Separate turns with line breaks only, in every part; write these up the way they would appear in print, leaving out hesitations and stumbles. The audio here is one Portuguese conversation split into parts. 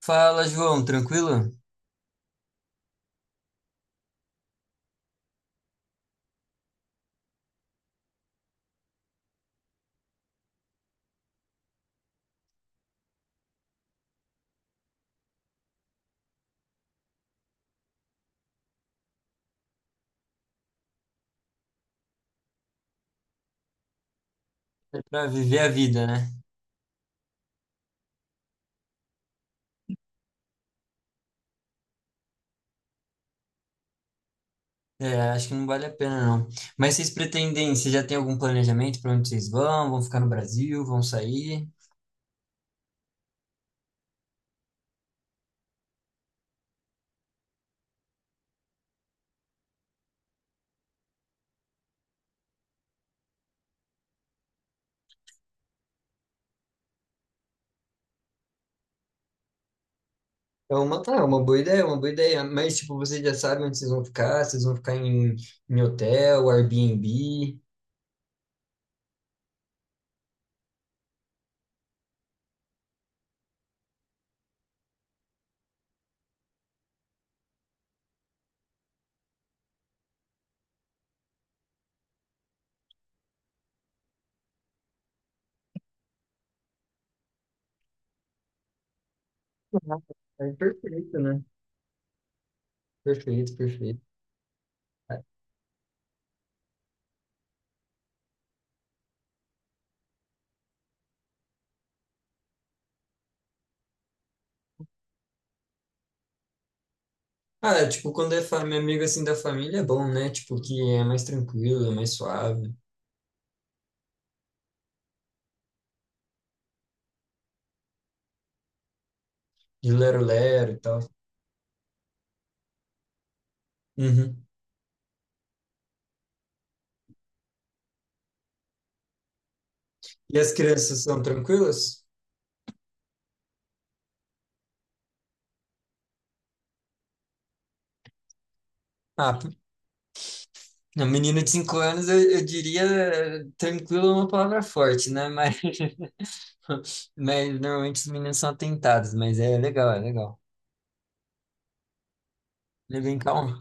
Fala, João, tranquilo? É pra viver a vida, né? É, acho que não vale a pena, não. Mas vocês pretendem, vocês já têm algum planejamento para onde vocês vão? Vão ficar no Brasil? Vão sair? É uma boa ideia, é uma boa ideia. Mas, tipo, vocês já sabem onde vocês vão ficar em hotel, Airbnb. Ah, É perfeito, né? Perfeito, perfeito. Ah, é, tipo, quando é família, amigo assim da família é bom, né? Tipo, que é mais tranquilo, é mais suave, de lero-lero e tal. Uhum. E as crianças são tranquilas? Ah, p- a menina de 5 anos, eu diria, tranquilo é uma palavra forte, né? Mas, mas normalmente os meninos são atentados, mas é legal, é legal. Ele é bem calmo.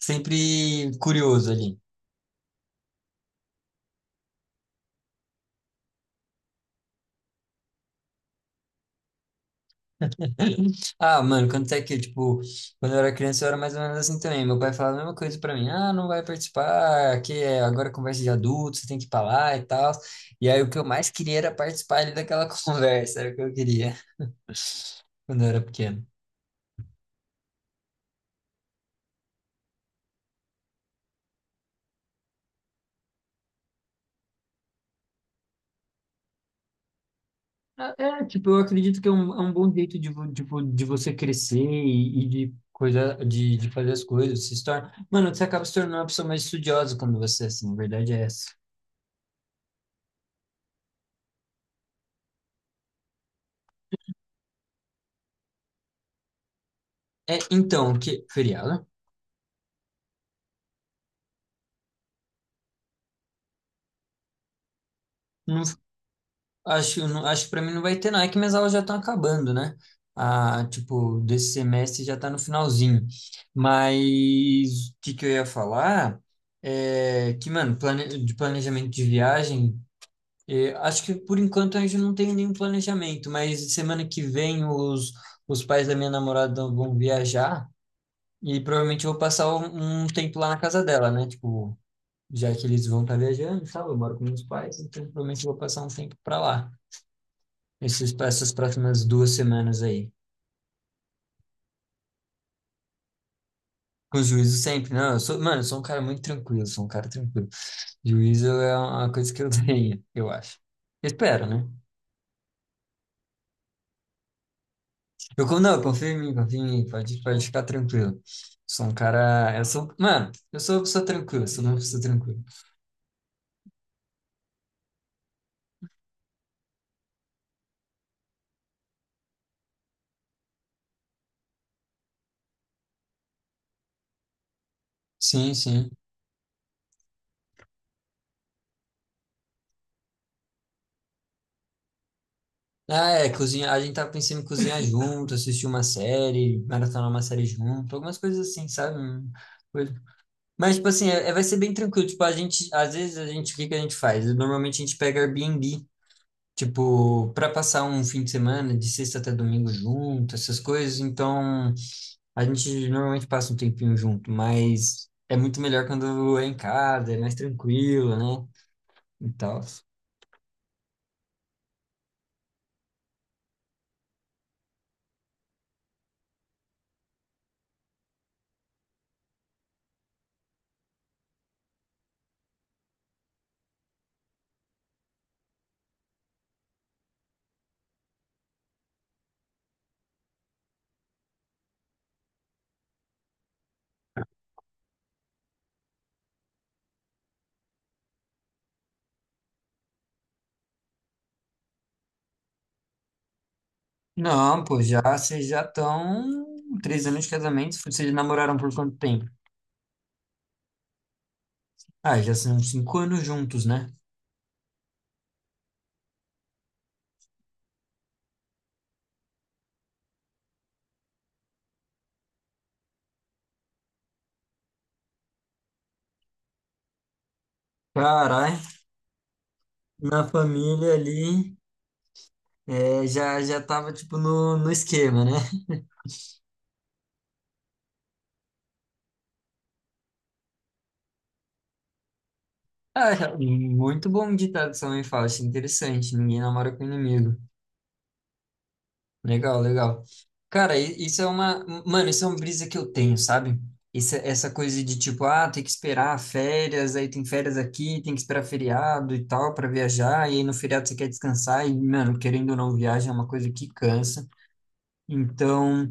Sempre curioso ali. Ah, mano, quando é que, tipo, quando eu era criança eu era mais ou menos assim também. Meu pai falava a mesma coisa pra mim. Ah, não vai participar, que é agora é conversa de adulto, você tem que ir pra lá e tal. E aí o que eu mais queria era participar ali daquela conversa, era o que eu queria quando eu era pequeno. É, é, tipo, eu acredito que é um bom jeito de, tipo, de você crescer e de coisa, de fazer as coisas, se torna... Mano, você acaba se tornando uma pessoa mais estudiosa quando você é assim, a verdade é essa. É, então, que feriado? Não, acho, não, acho que pra mim não vai ter não, é que minhas aulas já estão acabando, né? Ah, tipo, desse semestre já tá no finalzinho. Mas o que que eu ia falar? É que, mano, de planejamento de viagem. E acho que por enquanto a gente não tem nenhum planejamento, mas semana que vem os pais da minha namorada vão viajar e provavelmente eu vou passar um tempo lá na casa dela, né? Tipo, já que eles vão estar viajando e tal, eu moro com meus pais, então provavelmente eu vou passar um tempo para lá, essas próximas 2 semanas aí. Com juízo sempre, não, mano, eu sou um cara muito tranquilo, eu sou um cara tranquilo. Juízo é uma coisa que eu tenho, eu acho. Espero, né? Não, confia em mim, pode ficar tranquilo. Sou um cara. Mano, eu sou uma pessoa tranquila, sou uma pessoa tranquila. Sim, sim. Ah, é, cozinhar. A gente tava pensando em cozinhar junto, assistir uma série, maratonar uma série junto, algumas coisas assim, sabe? Coisa- Mas, tipo assim, vai ser bem tranquilo. Tipo, às vezes a gente, o que que a gente faz? Normalmente a gente pega Airbnb. Tipo, para passar um fim de semana, de sexta até domingo junto, essas coisas. Então, a gente normalmente passa um tempinho junto, mas é muito melhor quando é em casa, é mais tranquilo, né? E tal. Não, pô, já vocês já estão 3 anos de casamento. Vocês namoraram por quanto tempo? Ah, já são 5 anos juntos, né? Caralho, na família ali, é, já tava tipo no esquema, né? Ah, muito bom ditado sua mãe fala, achei interessante. Ninguém namora com inimigo. Legal, legal. Cara, i- isso é uma. Mano, isso é uma brisa que eu tenho, sabe? Isso, essa coisa de tipo, ah, tem que esperar férias, aí tem férias aqui, tem que esperar feriado e tal pra viajar, e aí no feriado você quer descansar, e, mano, querendo ou não, viagem é uma coisa que cansa. Então,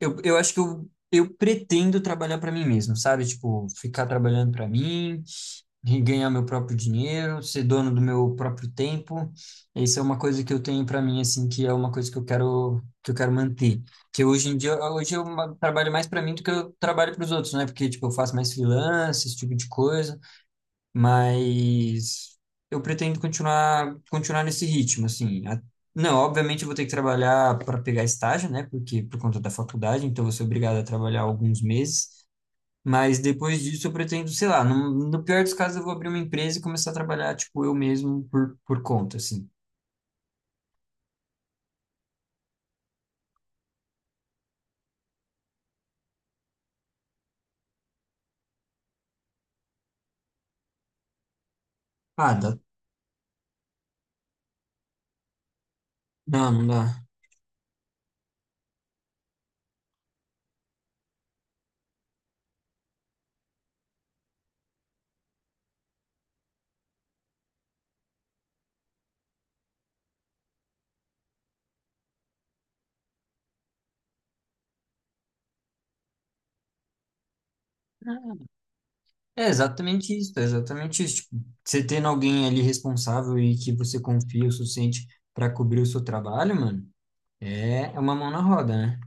eu acho que eu pretendo trabalhar pra mim mesmo, sabe? Tipo, ficar trabalhando pra mim e ganhar meu próprio dinheiro, ser dono do meu próprio tempo. Isso é uma coisa que eu tenho para mim assim, que é uma coisa que eu quero manter. Que hoje em dia, hoje eu ma- trabalho mais para mim do que eu trabalho para os outros, né? Porque tipo, eu faço mais freelance, esse tipo de coisa, mas eu pretendo continuar nesse ritmo assim. A- Não, obviamente eu vou ter que trabalhar para pegar estágio, né? Porque por conta da faculdade, então eu vou ser obrigado a trabalhar alguns meses. Mas depois disso eu pretendo, sei lá, no pior dos casos eu vou abrir uma empresa e começar a trabalhar, tipo, eu mesmo por conta, assim. Ah, dá. Não, não dá. É exatamente isso, é exatamente isso. Tipo, você tendo alguém ali responsável e que você confia o suficiente para cobrir o seu trabalho, mano, é uma mão na roda, né?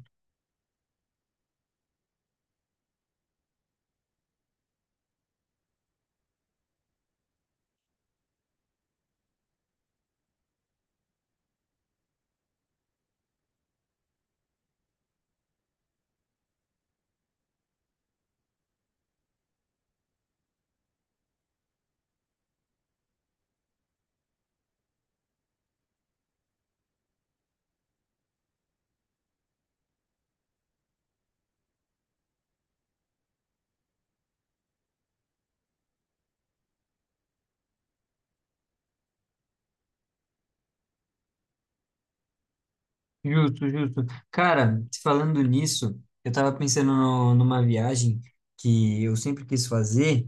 Justo, justo. Cara, falando nisso, eu tava pensando numa viagem que eu sempre quis fazer,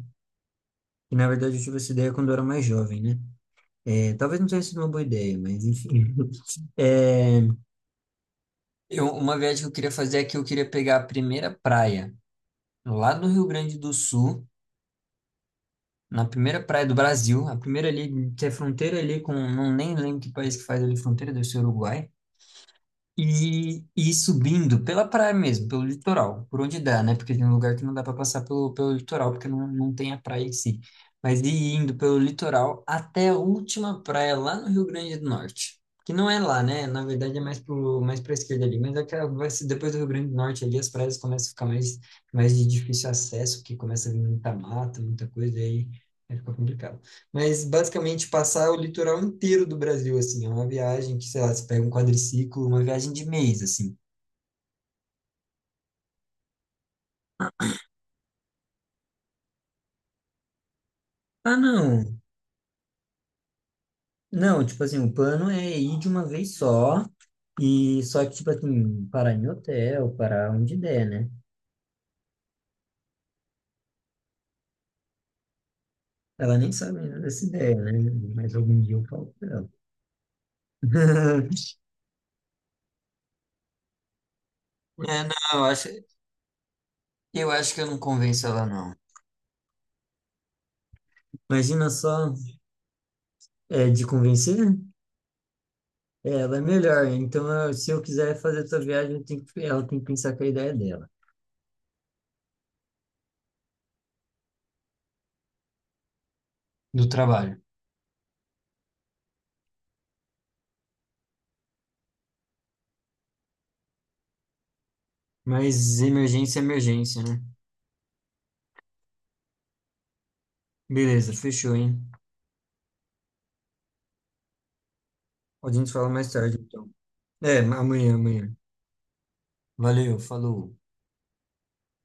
e na verdade eu tive essa ideia quando eu era mais jovem, né? É, talvez não tenha sido uma boa ideia, mas enfim. É, uma viagem que eu queria fazer é que eu queria pegar a primeira praia lá do Rio Grande do Sul, na primeira praia do Brasil, a primeira ali, que é fronteira ali com, não nem lembro que país que faz ali fronteira, deve ser Uruguai. E ir subindo pela praia mesmo, pelo litoral, por onde dá, né? Porque tem um lugar que não dá para passar pelo litoral, porque não, não tem a praia em si. Mas ir indo pelo litoral até a última praia lá no Rio Grande do Norte. Que não é lá, né? Na verdade é mais pro, mais para esquerda ali. Mas aquela, vai ser, depois do Rio Grande do Norte ali, as praias começam a ficar mais, mais de difícil acesso, que começa a vir muita mata, muita coisa, e aí, aí fica complicado, mas basicamente passar o litoral inteiro do Brasil, assim, é uma viagem que, sei lá, você pega um quadriciclo, uma viagem de mês, assim. Ah, não. Não, tipo assim, o plano é ir de uma vez só e só que, tipo assim, parar em hotel, parar onde der, né? Ela nem sabe ainda dessa ideia, né? Mas algum dia eu falo pra ela. É, não, eu acho que eu não convenço ela, não. Imagina só, é, de convencer. É, ela é melhor. Então, eu- se eu quiser fazer essa viagem, eu tenho que- ela tem que pensar com a ideia dela. Do trabalho. Mas emergência é emergência, né? Beleza, fechou, hein? A gente fala mais tarde, então. É, amanhã, amanhã. Valeu, falou.